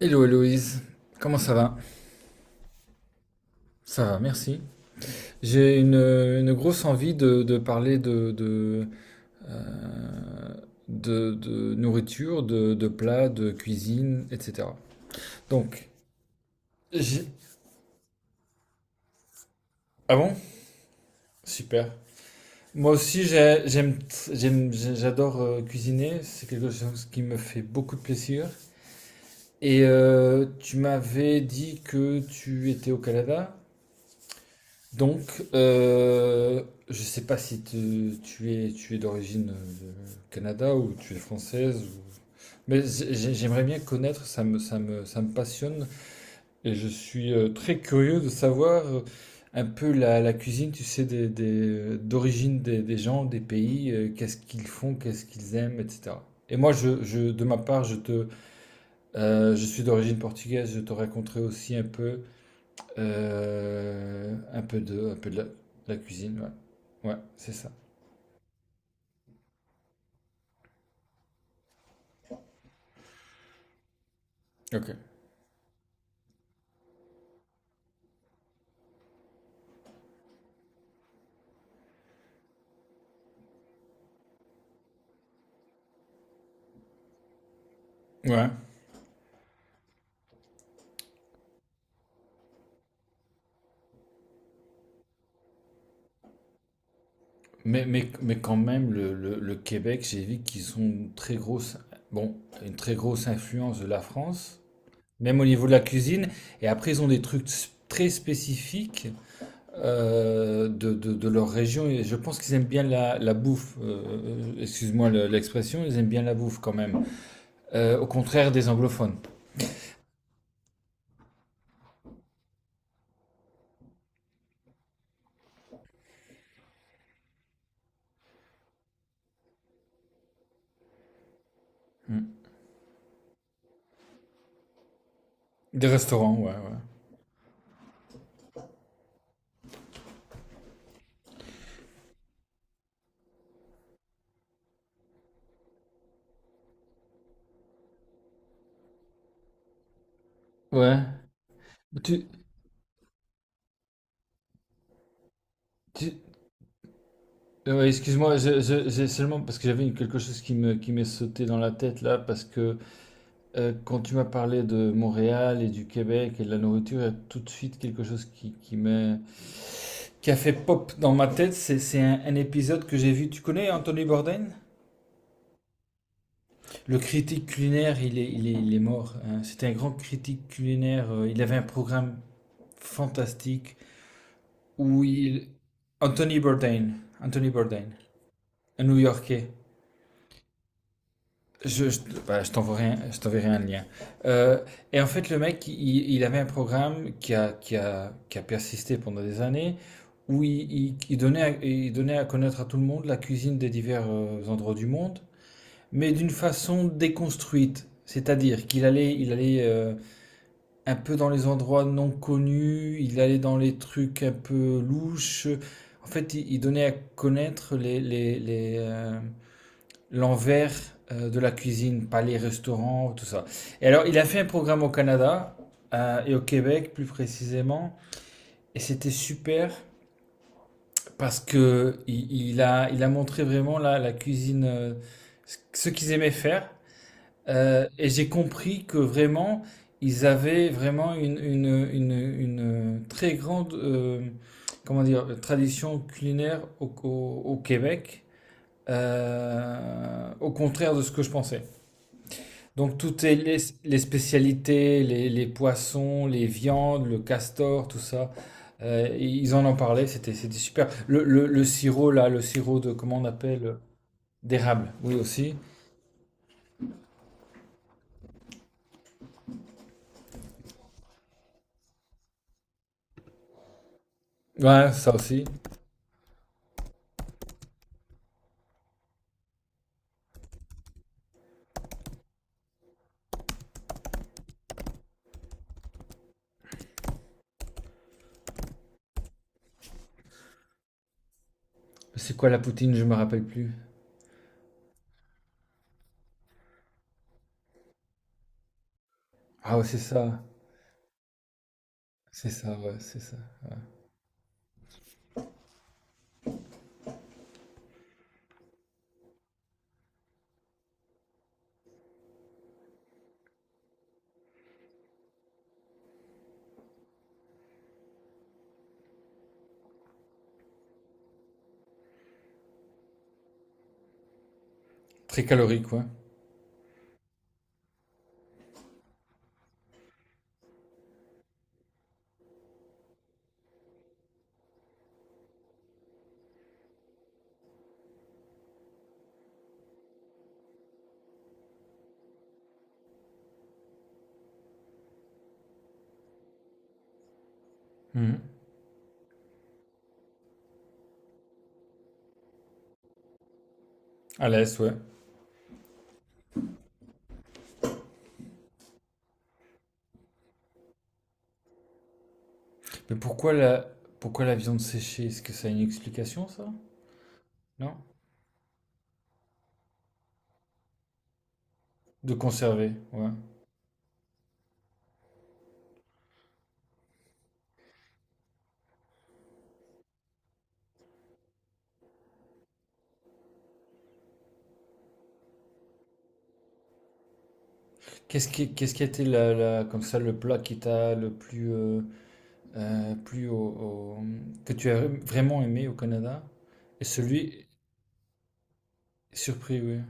Hello Héloïse, comment ça va? Ça va, merci. J'ai une grosse envie de parler euh, de nourriture, de plats, de cuisine, etc. Donc, j'ai... Ah bon? Super. Moi aussi, j'adore cuisiner, c'est quelque chose qui me fait beaucoup de plaisir. Et tu m'avais dit que tu étais au Canada? Donc, euh, je sais pas si tu es d'origine Canada ou tu es française, ou Mais j'aimerais bien connaître, ça me passionne. Et je suis très curieux de savoir un peu la cuisine, tu sais, d'origine des gens, des pays, qu'est-ce qu'ils font, qu'est-ce qu'ils aiment, etc. Et moi, de ma part, je suis d'origine portugaise, je te raconterai aussi un peu un peu de la, la cuisine, ouais. Ouais, c'est ça. Ok. Ouais. Mais quand même, le Québec, j'ai vu qu'ils ont une très grosse, bon, une très grosse influence de la France, même au niveau de la cuisine. Et après, ils ont des trucs très spécifiques de, de leur région. Et je pense qu'ils aiment bien la bouffe. Excuse-moi l'expression, ils aiment bien la bouffe quand même. Au contraire des anglophones. Hmm. Des restaurants, ouais, ouais. Ouais. Tu, Tu- Excuse-moi, j'ai seulement parce que j'avais quelque chose qui me, qui m'est sauté dans la tête là, parce que quand tu m'as parlé de Montréal et du Québec et de la nourriture, il y a tout de suite quelque chose qui qui a fait pop dans ma tête. C'est un épisode que j'ai vu. Tu connais Anthony Bourdain? Le critique culinaire, il est mort, hein. C'était un grand critique culinaire. Il avait un programme fantastique où il... Anthony Bourdain, Anthony Bourdain, un New-Yorkais. Je, je, bah, je t'enverrai un lien. Euh, et en fait, le mec, il avait un programme qui a persisté pendant des années, où il donnait il donnait à connaître à tout le monde la cuisine des divers endroits du monde, mais d'une façon déconstruite. C'est-à-dire il allait un peu dans les endroits non connus, il allait dans les trucs un peu louches. En fait, il donnait à connaître l'envers de la cuisine, pas les restaurants, tout ça. Et alors, il a fait un programme au Canada et au Québec, plus précisément, et c'était super parce que il a montré vraiment la cuisine, ce qu'ils aimaient faire. Et j'ai compris que vraiment, ils avaient vraiment une très grande comment dire, tradition culinaire au Québec, au contraire de ce que je pensais. Donc spécialités, les poissons, les viandes, le castor, tout ça, ils en en parlaient, c'était super. Le sirop là, le sirop de comment on appelle, d'érable, oui aussi. Ouais, ça aussi. C'est quoi la poutine, je me rappelle plus. Ah ouais, c'est ça, ouais, c'est ça. Très calorique, ouais. Mhm. À l'aise, ouais. Mais pourquoi la Pourquoi la viande séchée? Est-ce que ça a une explication ça? Non? De conserver, ouais. Qu'est-ce qui a été comme ça le plat qui t'a le plus, plus que tu as vraiment aimé au Canada? Et celui Surpris, oui.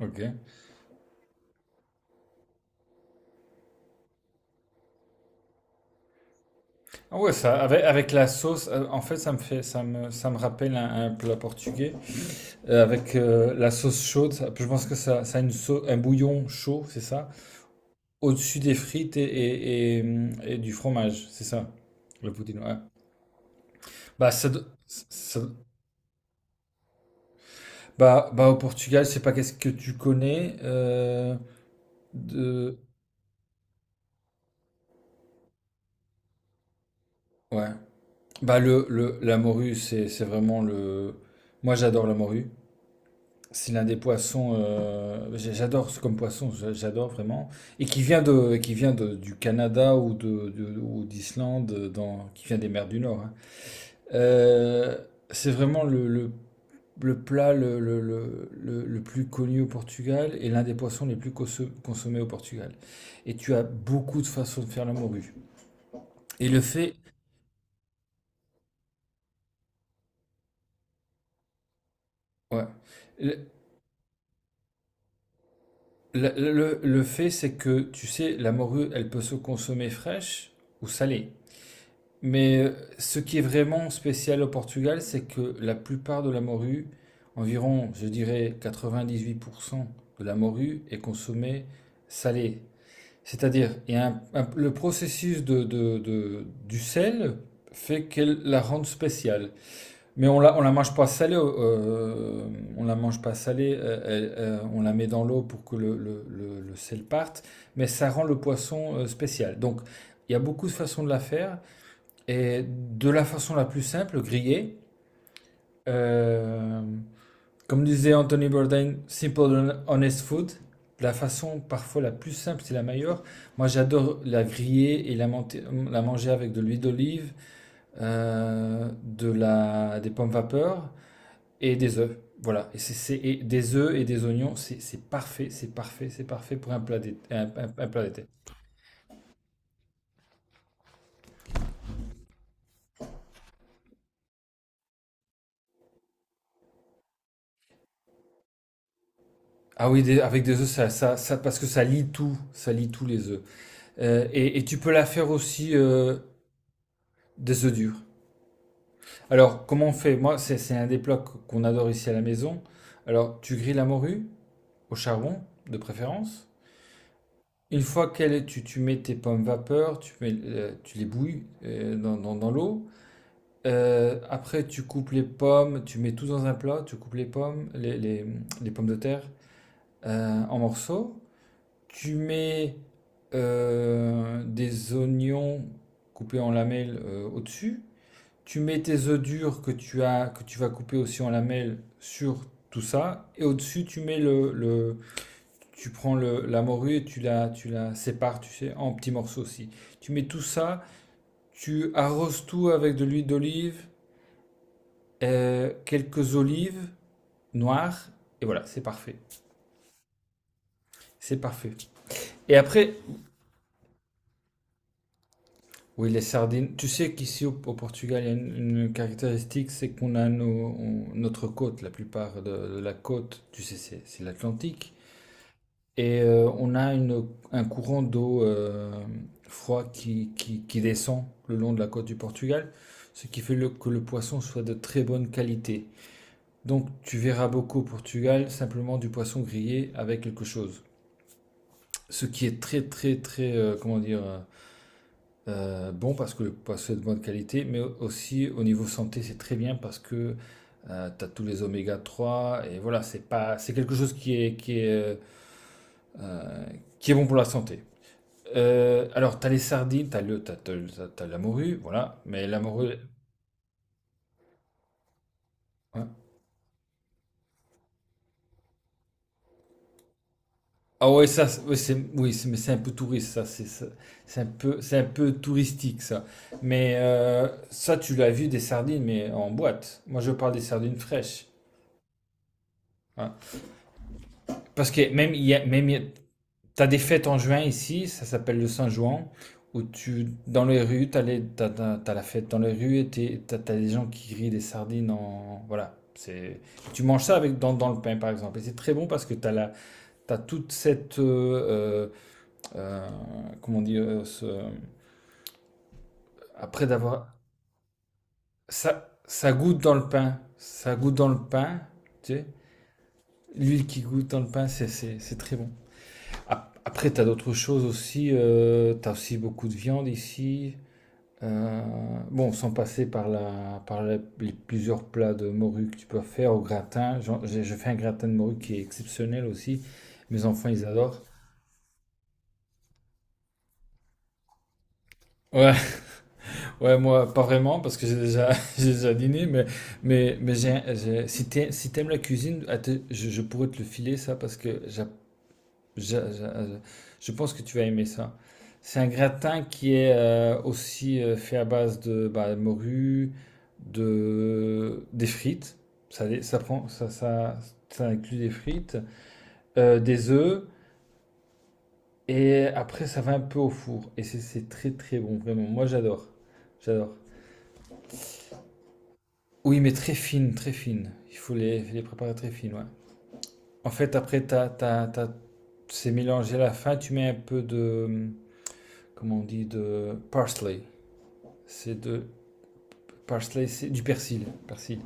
Ok. Ah ouais, ça, avec la sauce, en fait, ça me rappelle un plat portugais. Avec la sauce chaude. Je pense que ça a une un bouillon chaud, c'est ça? Au-dessus des frites et du fromage, c'est ça? Le poutine, ouais. Bah, ça, do- ça, Bah, bah au Portugal, je sais pas qu'est-ce que tu connais de, ouais. Bah le la morue, c'est vraiment le, moi j'adore la morue. C'est l'un des poissons j'adore ce comme poisson, j'adore vraiment, et qui vient de qui vient du Canada ou ou d'Islande dans qui vient des mers du Nord, hein. Euh, c'est vraiment le plat le plus connu au Portugal et l'un des poissons les plus consommés au Portugal. Et tu as beaucoup de façons de faire la morue. Et le fait, ouais. Le, le fait, c'est que, tu sais, la morue, elle peut se consommer fraîche ou salée. Mais ce qui est vraiment spécial au Portugal, c'est que la plupart de la morue, environ, je dirais, 98% de la morue est consommée salée. C'est-à-dire, il y a le processus de du sel fait qu'elle la rende spéciale. Mais on la mange pas salée, on la mange pas salée, elle- on la met dans l'eau pour que le sel parte, mais ça rend le poisson spécial. Donc, il y a beaucoup de façons de la faire, et de la façon la plus simple, grillée, euh, comme disait Anthony Bourdain, simple and honest food. La façon parfois la plus simple, c'est la meilleure. Moi, j'adore la griller et la manger avec de l'huile d'olive, des pommes vapeur et des œufs. Voilà. Et des œufs et des oignons, c'est parfait, c'est parfait, c'est parfait pour un plat d'été. Un un- plat d'été. Ah oui, avec des œufs, parce que ça lie tout, ça lie tous les œufs. Et tu peux la faire aussi, des œufs durs. Alors, comment on fait? Moi, c'est un des plats qu'on adore ici à la maison. Alors, tu grilles la morue au charbon, de préférence. Une fois qu'elle est, tu mets tes pommes vapeur, mets, tu les bouilles dans, dans l'eau. Après, tu coupes les pommes, tu mets tout dans un plat, tu coupes les pommes, les pommes de terre en morceaux. Tu mets des oignons coupés en lamelles au-dessus. Tu mets tes œufs durs que tu vas couper aussi en lamelles sur tout ça. Et au-dessus, tu mets tu prends le, la morue et tu la sépares, tu sais, en petits morceaux aussi. Tu mets tout ça, tu arroses tout avec de l'huile d'olive, quelques olives noires, et voilà, c'est parfait. C'est parfait. Et après, oui, les sardines. Tu sais qu'ici au Portugal, il y a une caractéristique, c'est qu'on a notre côte, la plupart de la côte, tu sais, c'est l'Atlantique. Et on a un courant d'eau froid qui descend le long de la côte du Portugal, ce qui fait que le poisson soit de très bonne qualité. Donc tu verras beaucoup au Portugal simplement du poisson grillé avec quelque chose. Ce qui est très très très, comment dire, bon parce que le poisson est de bonne qualité, mais aussi au niveau santé c'est très bien parce que tu as tous les oméga 3 et voilà, c'est pas, c'est quelque chose euh, qui est bon pour la santé. Alors, t'as les sardines, t'as le, t'as, t'as- t'as- t'as la morue, voilà. Mais la morue, hein. Ah ouais, ça, ouais, oui, mais c'est un peu touriste, ça. C'est un peu, c'est un peu touristique, ça. Mais ça, tu l'as vu des sardines, mais en boîte. Moi, je parle des sardines fraîches, hein. Parce que même, il y a, même il y a- T'as des fêtes en juin ici, ça s'appelle le Saint-Jouan, où tu, dans les rues, t'as la fête dans les rues et t'as des gens qui grillent des sardines en, voilà. C'est, tu manges ça avec, dans le pain, par exemple. Et c'est très bon parce que t'as toute cette, euh, comment dire, après d'avoir, ça, ça goûte dans le pain, ça goûte dans le pain, tu sais. L'huile qui goûte dans le pain, c'est très bon. Après, t'as d'autres choses aussi. Euh, t'as aussi beaucoup de viande ici. Euh, bon, sans passer par les plusieurs plats de morue que tu peux faire au gratin. Je fais un gratin de morue qui est exceptionnel aussi. Mes enfants, ils adorent. Ouais, ouais, moi, pas vraiment, parce que j'ai déjà, j'ai déjà dîné, mais, mais j'ai, si t'aimes, si t'aimes la cuisine, att- je pourrais te le filer, ça, parce que Je, je- je pense que tu vas aimer ça. C'est un gratin qui est aussi fait à base de bah, morue, des frites. Ça, les- ça, prend, Ça inclut des frites, des œufs, et après ça va un peu au four. Et c'est très très bon, vraiment. Moi j'adore. J'adore. Oui, mais très fine, très fine. Il faut les préparer très fines, ouais. En fait, après, c'est mélangé à la fin. Tu mets un peu de, comment on dit, de parsley. C'est de parsley, c'est du persil. Persil.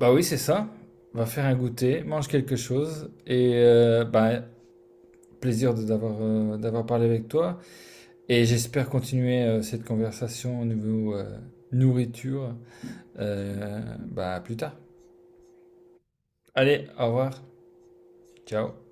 Bah oui, c'est ça. On va faire un goûter, mange quelque chose et bah, plaisir d'avoir d'avoir parlé avec toi. Et j'espère continuer cette conversation au niveau nourriture bah, plus tard. Allez, au revoir. Ciao.